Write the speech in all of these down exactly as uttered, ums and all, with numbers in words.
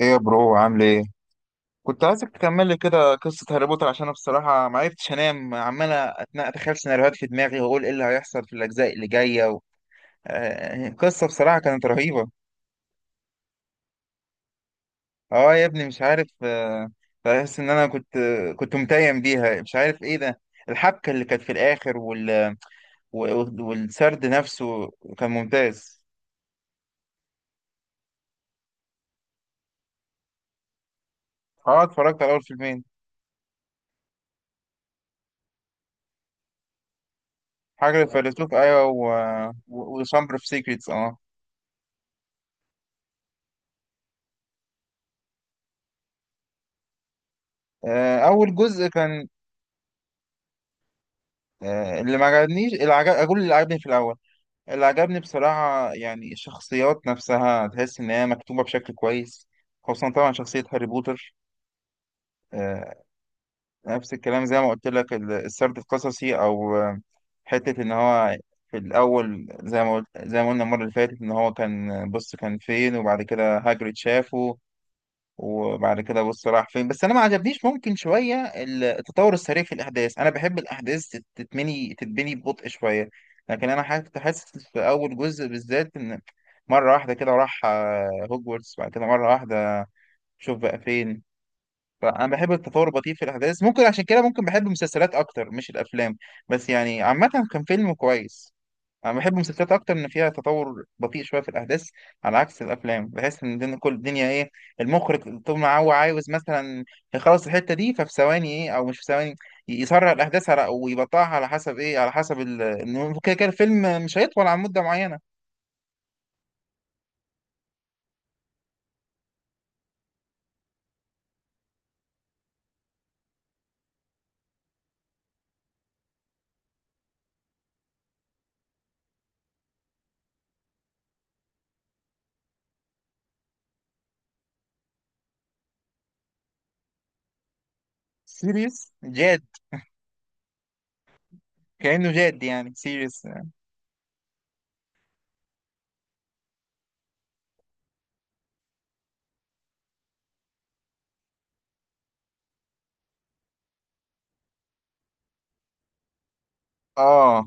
ايه يا برو عامل ايه؟ كنت عايزك تكمل لي كده قصة هاري بوتر عشان انا بصراحة ما عرفتش انام، عمال أتنا- اتخيل سيناريوهات في دماغي واقول ايه اللي هيحصل في الاجزاء اللي جاية و... آه، قصة بصراحة كانت رهيبة. اه يا ابني مش عارف، آه، بحس ان انا كنت كنت متيم بيها، مش عارف ايه ده. الحبكة اللي كانت في الاخر وال... و- والسرد نفسه كان ممتاز. اه اتفرجت على اول فيلمين. حاجة الفيلسوف ايوه و... و... وشامبر اوف سيكريتس اه. آه، اول جزء كان، آه، اللي ما عجبنيش، اللي عجب... اقول اللي عجبني في الاول. اللي عجبني بصراحه يعني الشخصيات نفسها، تحس ان هي مكتوبه بشكل كويس، خصوصا طبعا شخصيه هاري بوتر. آه، نفس الكلام زي ما قلت لك، ال- السرد القصصي او آه، حته ان هو في الاول زي ما قلت... زي ما قلنا المره اللي فاتت، ان هو كان بص كان فين وبعد كده هاجريد شافه وبعد كده بص راح فين. بس انا ما عجبنيش ممكن شويه ال- التطور السريع في الاحداث، انا بحب الاحداث تت- تتبني تتبني ببطء شويه. لكن انا حاسس، كنت حاسس في اول جزء بالذات ان مره واحده كده راح آه، هوجورتس، بعد كده مره واحده شوف بقى فين. فانا بحب التطور البطيء في الاحداث، ممكن عشان كده ممكن بحب المسلسلات اكتر مش الافلام. بس يعني عامه كان فيلم كويس. انا بحب المسلسلات اكتر ان فيها تطور بطيء شويه في الاحداث، على عكس الافلام. بحس ان الدنيا، كل الدنيا ايه، المخرج طول ما هو عاوز مثلا يخلص الحته دي ففي ثواني ايه او مش في ثواني، ي- يسرع الاحداث على او يبطئها، على حسب ايه، على حسب ال- إنه كده كده الفيلم مش هيطول عن مده معينه. سيريس جاد، كانه جاد يعني سيريس. اه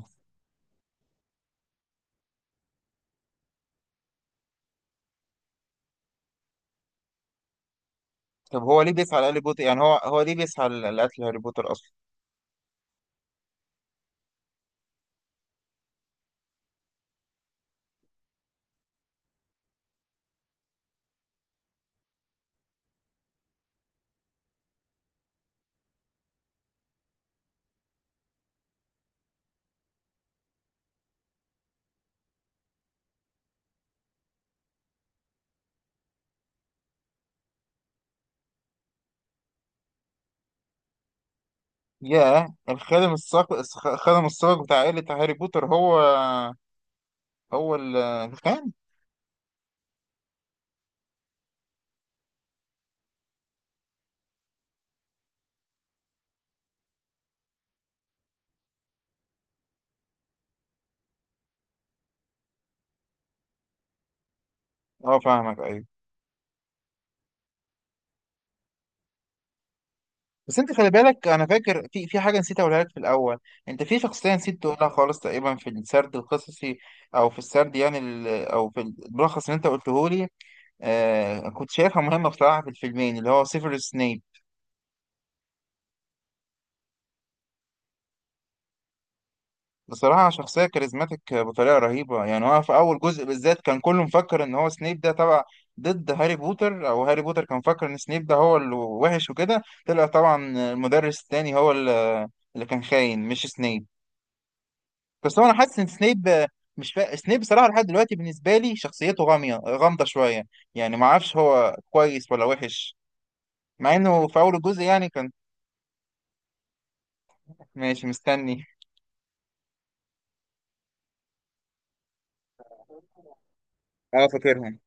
طب هو ليه بيسعى لهاري بوتر؟ يعني هو هو ليه بيسعى ل- لقتل هاري بوتر اصلا؟ ياه، الخادم الصاق، الخ- الخادم الصاق بتاع عائله هاري بوتر هو هو ال- الخان؟ اه فاهمك ايوه. بس انت خلي بالك، انا فاكر في في حاجه نسيت اقولها لك في الاول. انت في شخصيه نسيت تقولها خالص تقريبا في السرد القصصي او في السرد، يعني ال- او في الملخص اللي انت قلته لي. آه كنت شايفها مهمه بصراحه في الفيلمين، اللي هو سيفيروس سنيب. بصراحه شخصيه كاريزماتيك بطريقه رهيبه. يعني هو في اول جزء بالذات كان كله مفكر ان هو سنيب ده تبع، ضد هاري بوتر، او هاري بوتر كان مفكر ان سنيب ده هو اللي وحش وكده. طلع طبعا المدرس التاني هو اللي اللي كان خاين، مش سنيب. بس هو انا حاسس ان سنيب آه، مش فا... سنيب صراحه لحد دلوقتي بالنسبه لي شخصيته غاميه غامضه شويه، يعني ما اعرفش هو كويس ولا وحش. مع انه في اول الجزء يعني كان ماشي، مستني. اه فاكرهم.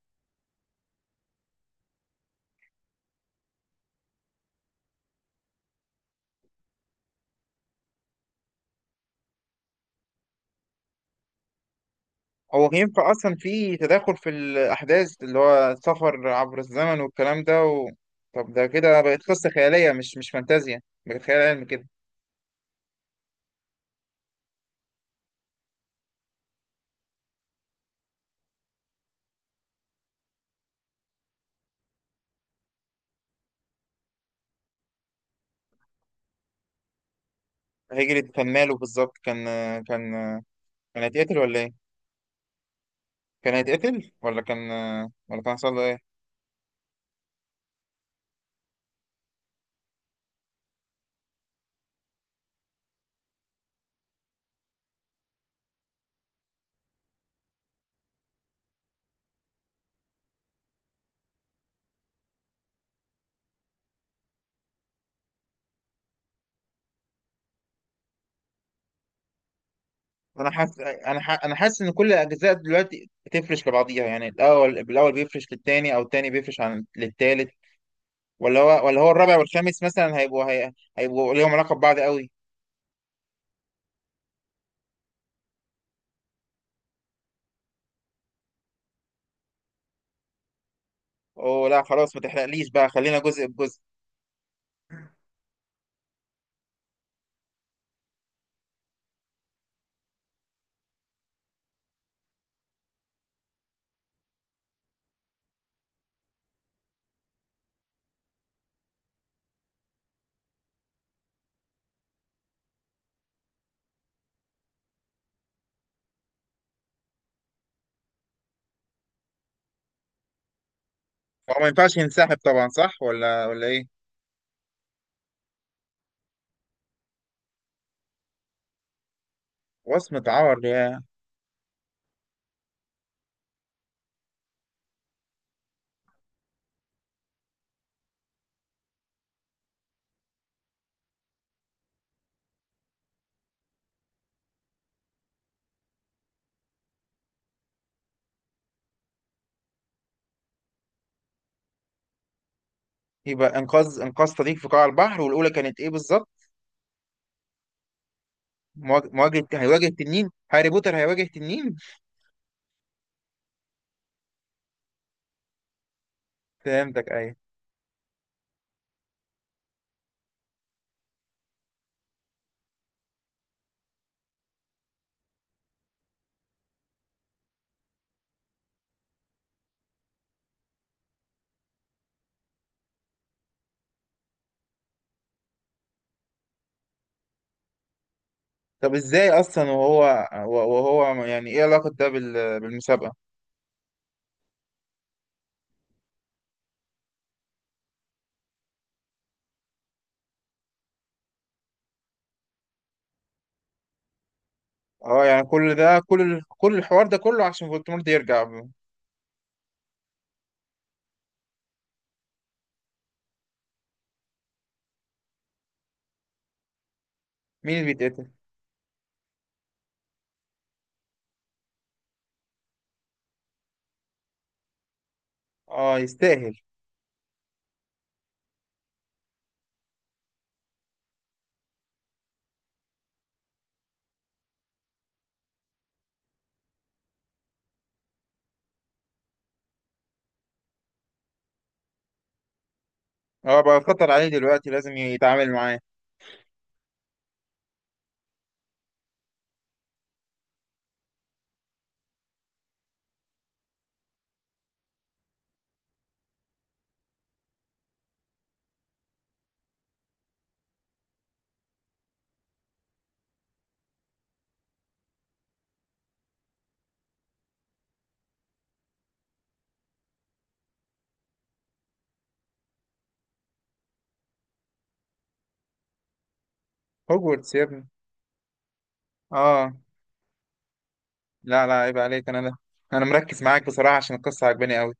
هو ينفع اصلا في تداخل في الاحداث اللي هو سفر عبر الزمن والكلام ده و...؟ طب ده كده بقت قصه خياليه، مش مش فانتازيا، بقت خيال علمي كده. هيجري كان ماله بالظبط؟ كان كان كان هيتقتل ولا ايه؟ كان هيتقتل ولا كان، ولا كان حصل له ايه؟ انا حاسس انا ح... انا حاسس ان كل الاجزاء دلوقتي بتفرش لبعضيها، يعني الاول بالاول بيفرش للتاني، او التاني بيفرش عن للتالت. ولا هو ولا هو الرابع والخامس مثلا هيبقوا هي... هيبقوا ليهم علاقه ببعض قوي؟ اوه لا خلاص، ما تحرقليش بقى، خلينا جزء بجزء. هو ما ينفعش ينسحب طبعا، صح ولا ولا ايه؟ وصمة عار يا... يبقى انقاذ انقاذ صديق في قاع البحر، والاولى كانت ايه بالظبط؟ مواج- مواجهه، هيواجه تنين، هاري بوتر هيواجه تنين. فهمتك ايوه. طب ازاي اصلا؟ وهو، وهو يعني ايه علاقة ده بال- بالمسابقة؟ اه يعني كل ده، كل ال- كل الحوار ده كله عشان فولتمورت يرجع؟ مين اللي بيتقتل؟ اه يستاهل. اه بقى خطر عليه دلوقتي، لازم يتعامل معاه. هوجورتس يا ابني. اه. لا لا عيب عليك، انا ده انا مركز معاك بصراحة عشان القصة عجباني قوي.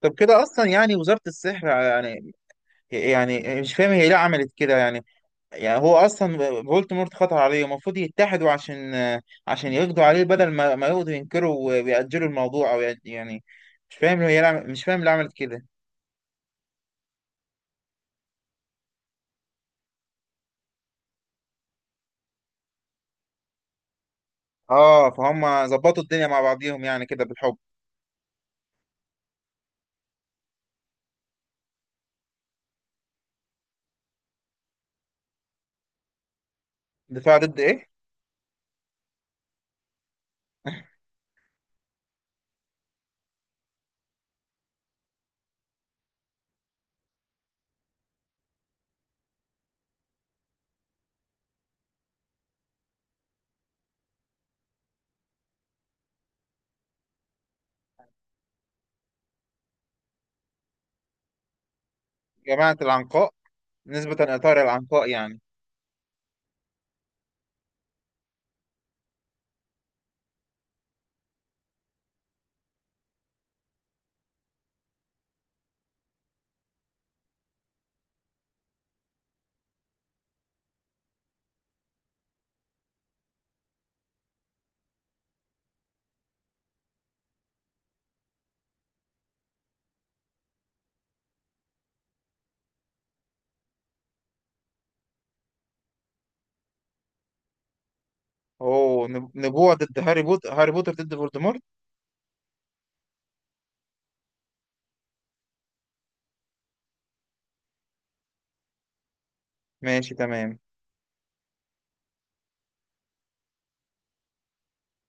طب كده اصلا يعني وزارة السحر يعني، يعني مش فاهم هي ليه عملت كده يعني، يعني هو اصلا فولتمورت خطر عليه، المفروض يتحدوا عشان عشان يقضوا عليه، بدل ما ما يقضوا ينكروا ويأجلوا الموضوع او يأج- يعني مش فاهم، هي لعم- مش فاهم اللي عملت كده. اه فهم ظبطوا الدنيا مع بعضيهم يعني كده بالحب. دفاع ضد ايه؟ جماعة العنقاء، نسبة لإطار العنقاء يعني؟ اوه، نب- نبوة ضد هاري بوتر، هاري بوتر ضد فولدمورت. ماشي تمام.